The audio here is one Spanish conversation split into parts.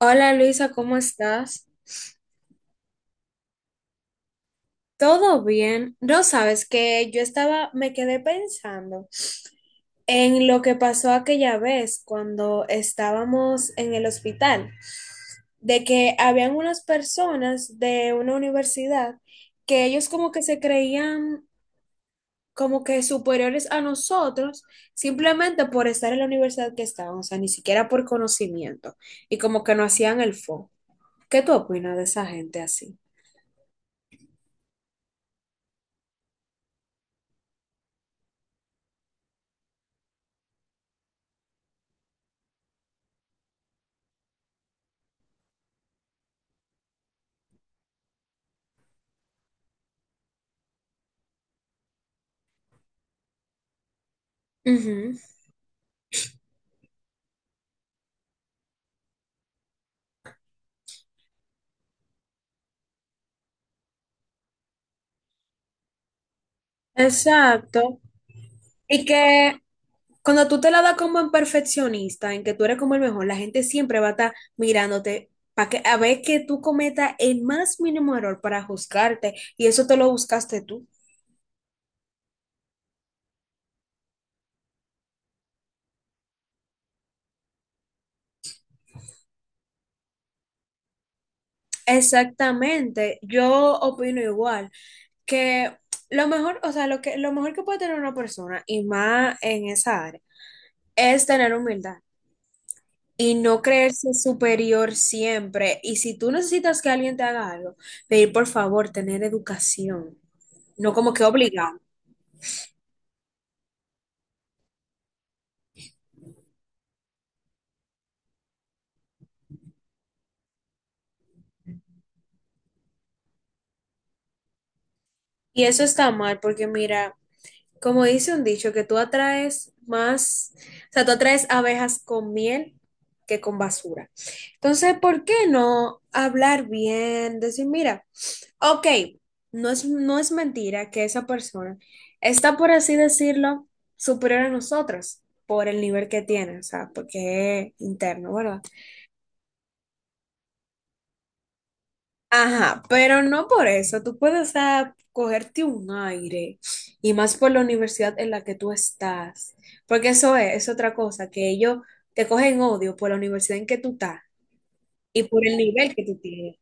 Hola Luisa, ¿cómo estás? ¿Todo bien? No sabes que yo estaba, me quedé pensando en lo que pasó aquella vez cuando estábamos en el hospital, de que habían unas personas de una universidad que ellos como que se creían como que superiores a nosotros simplemente por estar en la universidad que estaban, o sea, ni siquiera por conocimiento y como que no hacían el fo. ¿Qué tú opinas de esa gente así? Ujú. Exacto. Y que cuando tú te la das como en perfeccionista, en que tú eres como el mejor, la gente siempre va a estar mirándote para que a ver que tú cometas el más mínimo error para juzgarte y eso te lo buscaste tú. Exactamente. Yo opino igual que lo mejor que puede tener una persona y más en esa área es tener humildad. Y no creerse superior siempre. Y si tú necesitas que alguien te haga algo, pedir por favor tener educación, no como que obligado. Y eso está mal porque mira, como dice un dicho, que tú atraes más, o sea, tú atraes abejas con miel que con basura. Entonces, ¿por qué no hablar bien? Decir, mira, ok, no es mentira que esa persona está, por así decirlo, superior a nosotros por el nivel que tiene, o sea, porque es interno, ¿verdad? Ajá, pero no por eso. Tú puedes, o sea, cogerte un aire y más por la universidad en la que tú estás. Porque eso es otra cosa, que ellos te cogen odio por la universidad en que tú estás y por el nivel que tú tienes.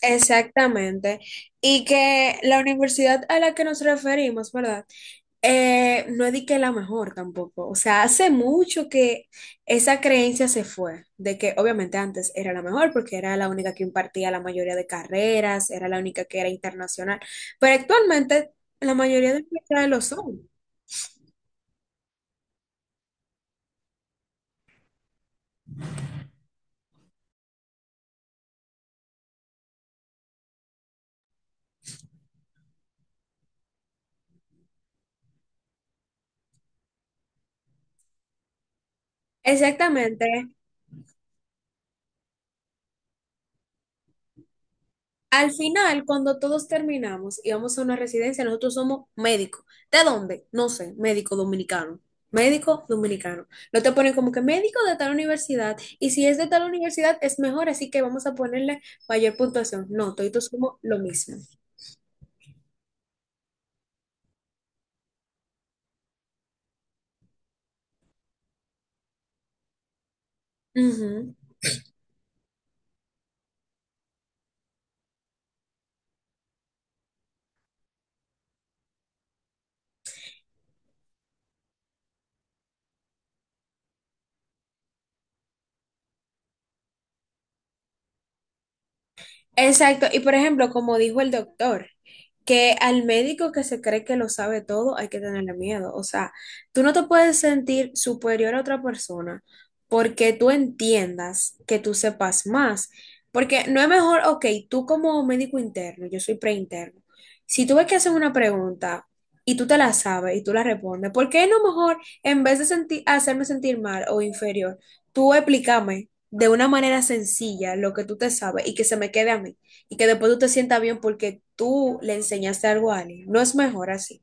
Exactamente. Y que la universidad a la que nos referimos, ¿verdad? No es de que la mejor tampoco. O sea, hace mucho que esa creencia se fue, de que obviamente antes era la mejor porque era la única que impartía la mayoría de carreras, era la única que era internacional, pero actualmente la mayoría de los universidades lo son. Exactamente. Al final, cuando todos terminamos y vamos a una residencia, nosotros somos médicos. ¿De dónde? No sé, médico dominicano. Médico dominicano. No te ponen como que médico de tal universidad. Y si es de tal universidad, es mejor, así que vamos a ponerle mayor puntuación. No, todos somos lo mismo. Ujú. Exacto, y por ejemplo, como dijo el doctor, que al médico que se cree que lo sabe todo hay que tenerle miedo. O sea, tú no te puedes sentir superior a otra persona porque tú entiendas que tú sepas más. Porque no es mejor, ok, tú como médico interno, yo soy preinterno, si tú ves que hacen una pregunta y tú te la sabes y tú la respondes, ¿por qué no mejor, en vez de sentir, hacerme sentir mal o inferior, tú explícame de una manera sencilla lo que tú te sabes y que se me quede a mí y que después tú te sientas bien porque tú le enseñaste algo a alguien? No es mejor así.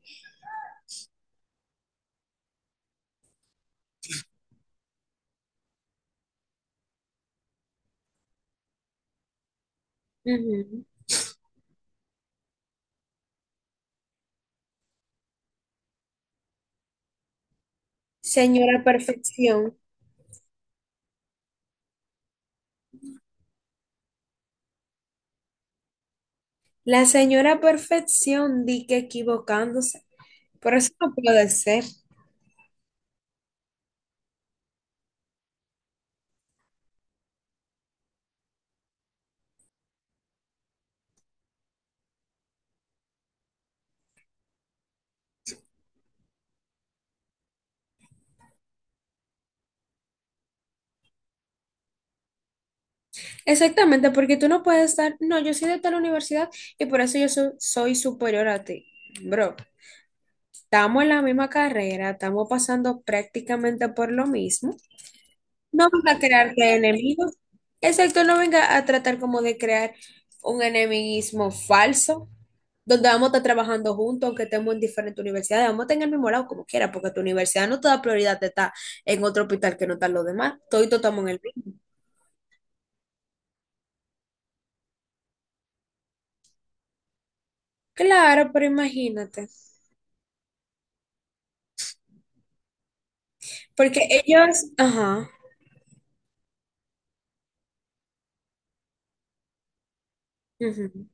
Ujú. Señora Perfección, la señora Perfección di que equivocándose. Por eso no puede ser. Exactamente, porque tú no puedes estar, no, yo soy de tal universidad y por eso yo soy superior a ti. Bro, estamos en la misma carrera, estamos pasando prácticamente por lo mismo. No venga a crearte enemigos. Exacto, no venga a tratar como de crear un enemismo falso, donde vamos a estar trabajando juntos, aunque estemos en diferentes universidades, vamos a estar en el mismo lado como quiera, porque tu universidad no te da prioridad de estar en otro hospital que no están los demás. Todos estamos en el mismo. Claro, pero imagínate. Porque ellos, ajá, ujú,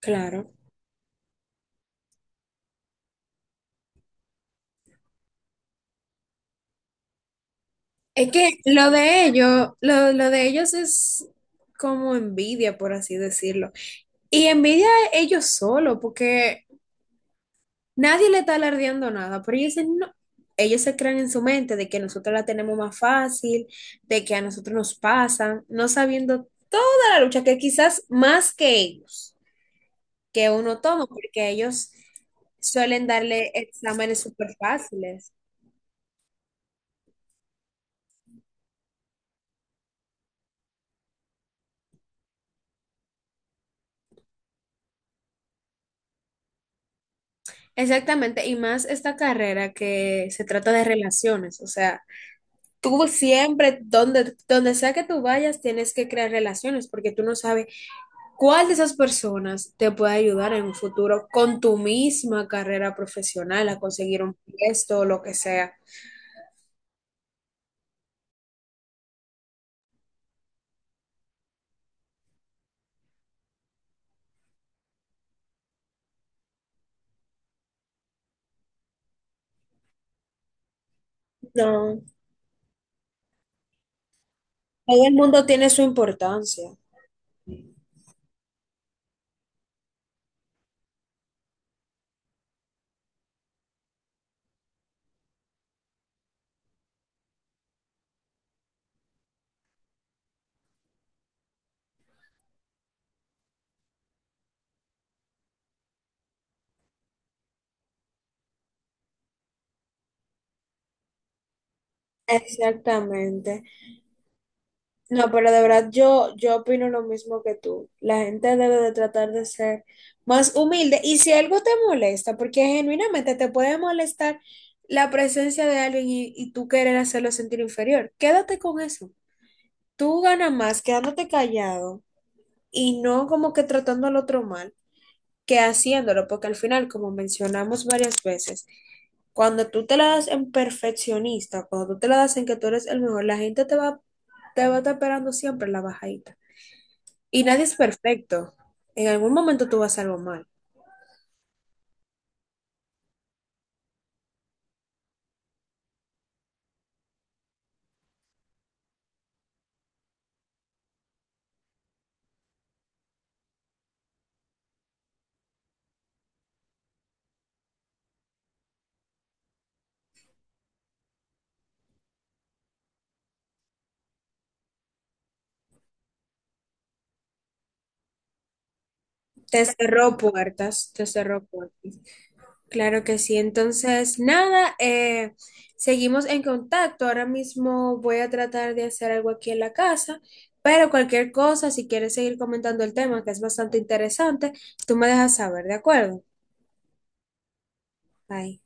claro. Es que lo de ellos, lo de ellos es como envidia, por así decirlo. Y envidia a ellos solo, porque nadie le está alardeando nada, pero ellos dicen, no. Ellos se crean en su mente de que nosotros la tenemos más fácil, de que a nosotros nos pasan, no sabiendo toda la lucha que quizás más que ellos, que uno toma, porque ellos suelen darle exámenes súper fáciles. Exactamente, y más esta carrera que se trata de relaciones, o sea, tú siempre, donde sea que tú vayas, tienes que crear relaciones, porque tú no sabes ¿cuál de esas personas te puede ayudar en un futuro con tu misma carrera profesional a conseguir un puesto o lo que sea? No, todo el mundo tiene su importancia. Exactamente. No, pero de verdad yo opino lo mismo que tú. La gente debe de tratar de ser más humilde y si algo te molesta, porque genuinamente te puede molestar la presencia de alguien y, tú querer hacerlo sentir inferior, quédate con eso. Tú ganas más quedándote callado y no como que tratando al otro mal, que haciéndolo, porque al final, como mencionamos varias veces, cuando tú te la das en perfeccionista, cuando tú te la das en que tú eres el mejor, la gente te va a estar esperando siempre la bajadita. Y nadie es perfecto. En algún momento tú vas a hacer algo mal. Te cerró puertas, te cerró puertas. Claro que sí. Entonces, nada, seguimos en contacto. Ahora mismo voy a tratar de hacer algo aquí en la casa, pero cualquier cosa, si quieres seguir comentando el tema, que es bastante interesante, tú me dejas saber, ¿de acuerdo? Bye.